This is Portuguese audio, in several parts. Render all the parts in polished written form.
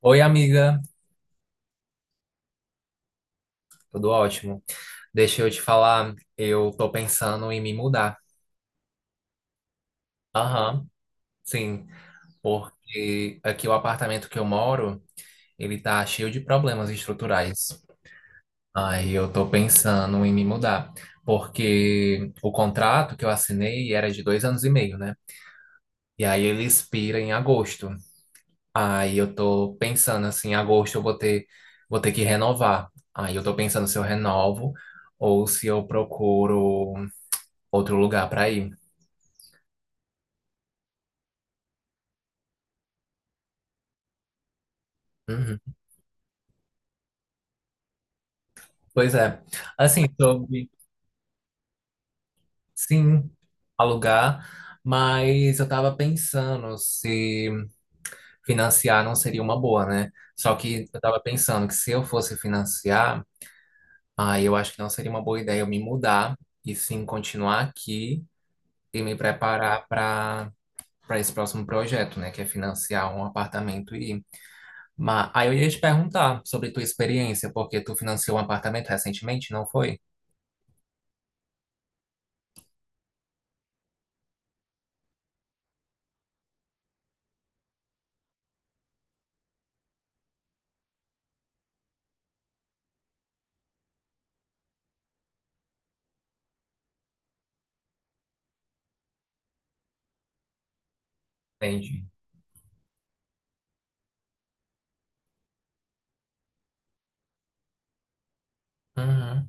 Oi, amiga, tudo ótimo. Deixa eu te falar, eu tô pensando em me mudar. Aham, sim, porque aqui o apartamento que eu moro, ele tá cheio de problemas estruturais. Aí eu tô pensando em me mudar, porque o contrato que eu assinei era de dois anos e meio, né? E aí ele expira em agosto. Aí eu tô pensando assim, em agosto eu vou ter que renovar. Aí eu tô pensando se eu renovo ou se eu procuro outro lugar para ir. Uhum. Pois é. Assim, sobre, sim, alugar, mas eu tava pensando se financiar não seria uma boa, né? Só que eu tava pensando que se eu fosse financiar, aí eu acho que não seria uma boa ideia eu me mudar e sim continuar aqui e me preparar para para esse próximo projeto, né, que é financiar um apartamento e mas aí eu ia te perguntar sobre tua experiência, porque tu financiou um apartamento recentemente, não foi? Entendi. Uhum.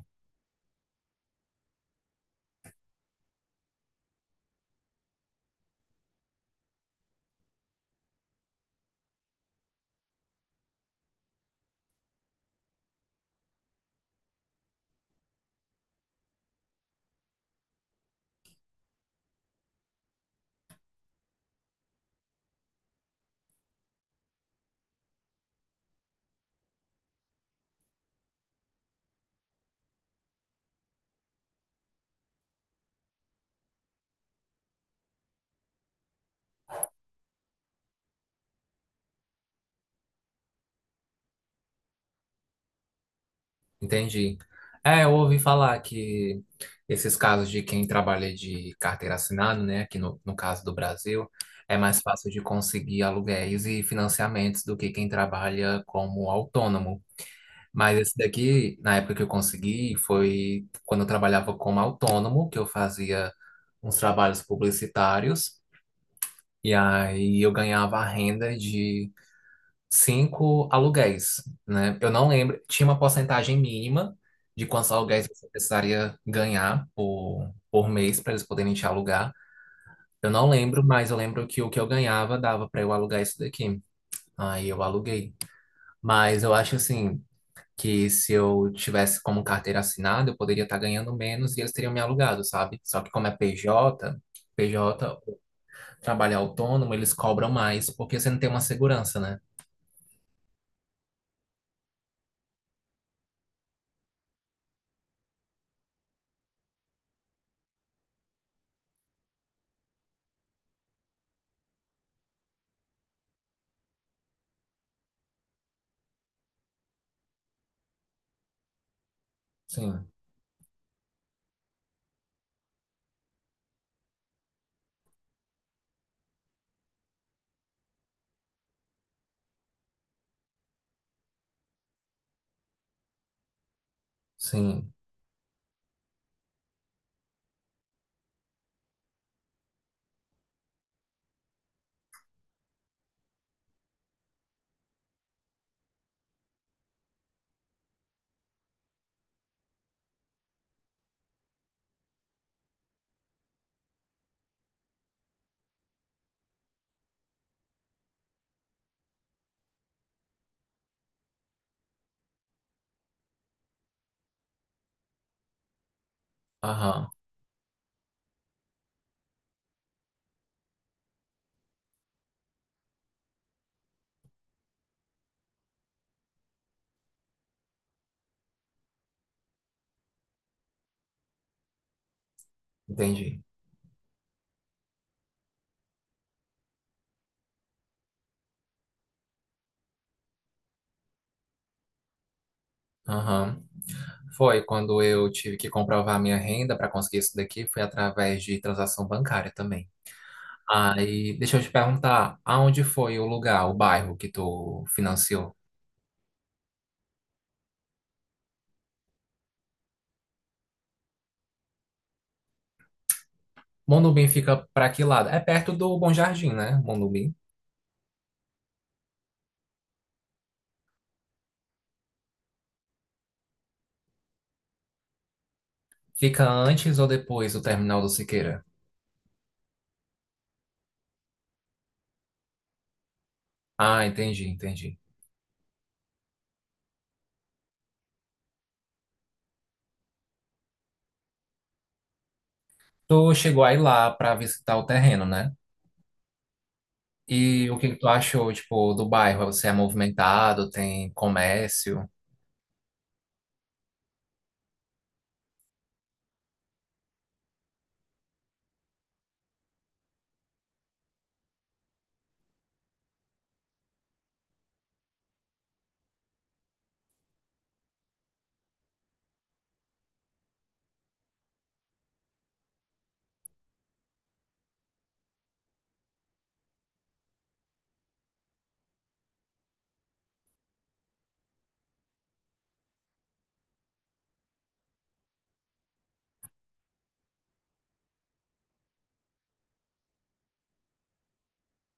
Entendi. É, eu ouvi falar que esses casos de quem trabalha de carteira assinada, né, aqui no caso do Brasil, é mais fácil de conseguir aluguéis e financiamentos do que quem trabalha como autônomo. Mas esse daqui, na época que eu consegui, foi quando eu trabalhava como autônomo, que eu fazia uns trabalhos publicitários, e aí eu ganhava a renda de cinco aluguéis, né? Eu não lembro, tinha uma porcentagem mínima de quantos aluguéis você precisaria ganhar por mês para eles poderem te alugar. Eu não lembro, mas eu lembro que o que eu ganhava dava para eu alugar isso daqui. Aí eu aluguei. Mas eu acho assim que se eu tivesse como carteira assinada, eu poderia estar ganhando menos e eles teriam me alugado, sabe? Só que como é PJ, trabalho autônomo, eles cobram mais porque você não tem uma segurança, né? Sim, sim. Aham. Entendi. Aham. Foi quando eu tive que comprovar minha renda para conseguir isso daqui, foi através de transação bancária também. Aí, deixa eu te perguntar, aonde foi o lugar, o bairro que tu financiou? Monubim fica para que lado? É perto do Bom Jardim, né? Monubim. Fica antes ou depois do terminal do Siqueira? Ah, entendi, entendi. Tu chegou aí lá para visitar o terreno, né? E o que que tu achou, tipo, do bairro? Você é movimentado, tem comércio?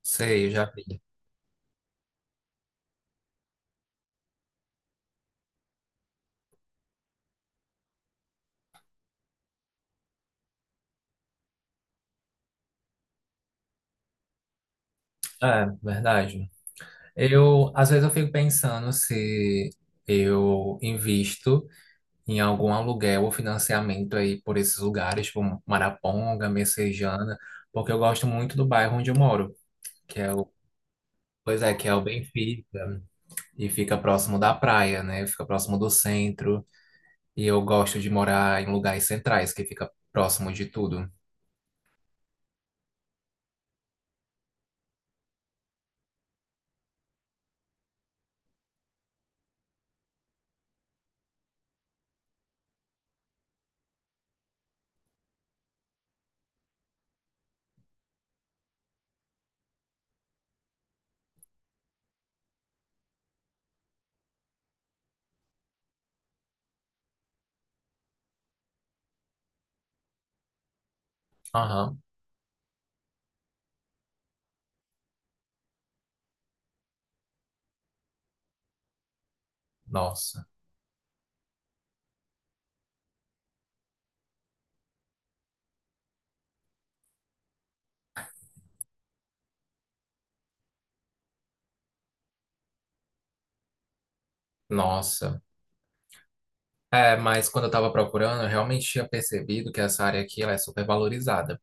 Sei, eu já vi. É, verdade. Eu, às vezes eu fico pensando se eu invisto em algum aluguel ou financiamento aí por esses lugares, tipo Maraponga, Messejana, porque eu gosto muito do bairro onde eu moro, que é o, pois é, que é o Benfica, e fica próximo da praia, né? Fica próximo do centro, e eu gosto de morar em lugares centrais, que fica próximo de tudo. Aham. Nossa, nossa. É, mas quando eu estava procurando, eu realmente tinha percebido que essa área aqui ela é super valorizada.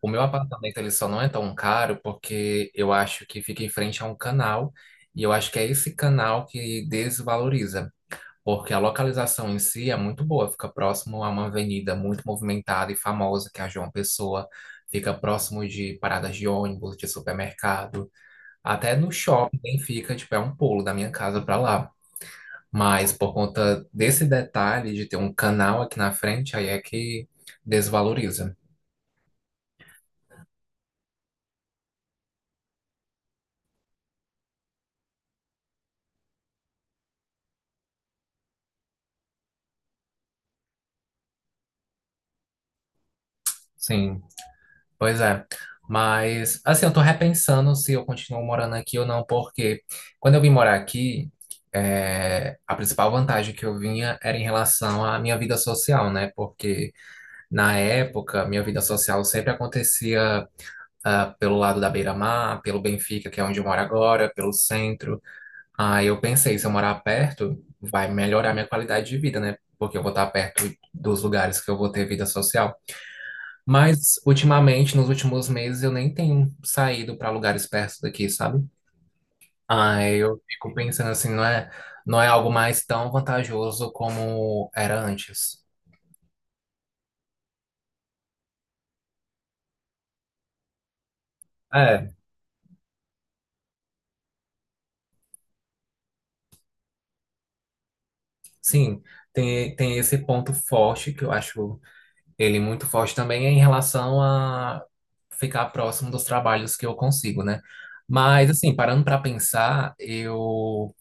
O meu apartamento ele só não é tão caro porque eu acho que fica em frente a um canal e eu acho que é esse canal que desvaloriza, porque a localização em si é muito boa, fica próximo a uma avenida muito movimentada e famosa, que é a João Pessoa, fica próximo de paradas de ônibus, de supermercado, até no shopping fica, tipo, é um pulo da minha casa para lá. Mas por conta desse detalhe de ter um canal aqui na frente, aí é que desvaloriza. Sim, pois é. Mas, assim, eu tô repensando se eu continuo morando aqui ou não, porque quando eu vim morar aqui, é, a principal vantagem que eu vinha era em relação à minha vida social, né? Porque na época, minha vida social sempre acontecia, ah, pelo lado da Beira-Mar, pelo Benfica, que é onde eu moro agora, pelo centro. Aí eu pensei, se eu morar perto, vai melhorar minha qualidade de vida, né? Porque eu vou estar perto dos lugares que eu vou ter vida social. Mas ultimamente, nos últimos meses, eu nem tenho saído para lugares perto daqui, sabe? Aí eu fico pensando assim, não é, não é algo mais tão vantajoso como era antes. É, sim, tem esse ponto forte que eu acho ele muito forte também é em relação a ficar próximo dos trabalhos que eu consigo, né? Mas, assim, parando para pensar, eu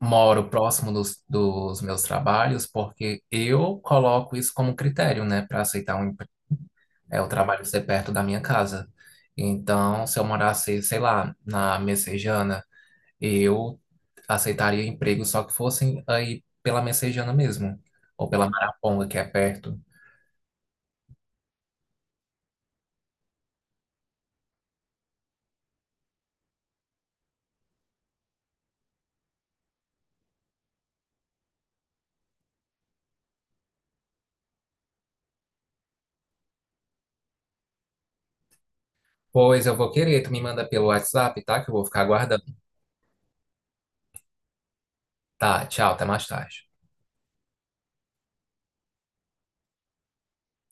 moro próximo dos meus trabalhos porque eu coloco isso como critério, né, para aceitar um, empre- é, o trabalho ser perto da minha casa. Então, se eu morasse, sei lá, na Messejana, eu aceitaria emprego só que fossem aí pela Messejana mesmo, ou pela Maraponga, que é perto. Pois eu vou querer, tu me manda pelo WhatsApp, tá? Que eu vou ficar aguardando. Tá, tchau, até mais tarde.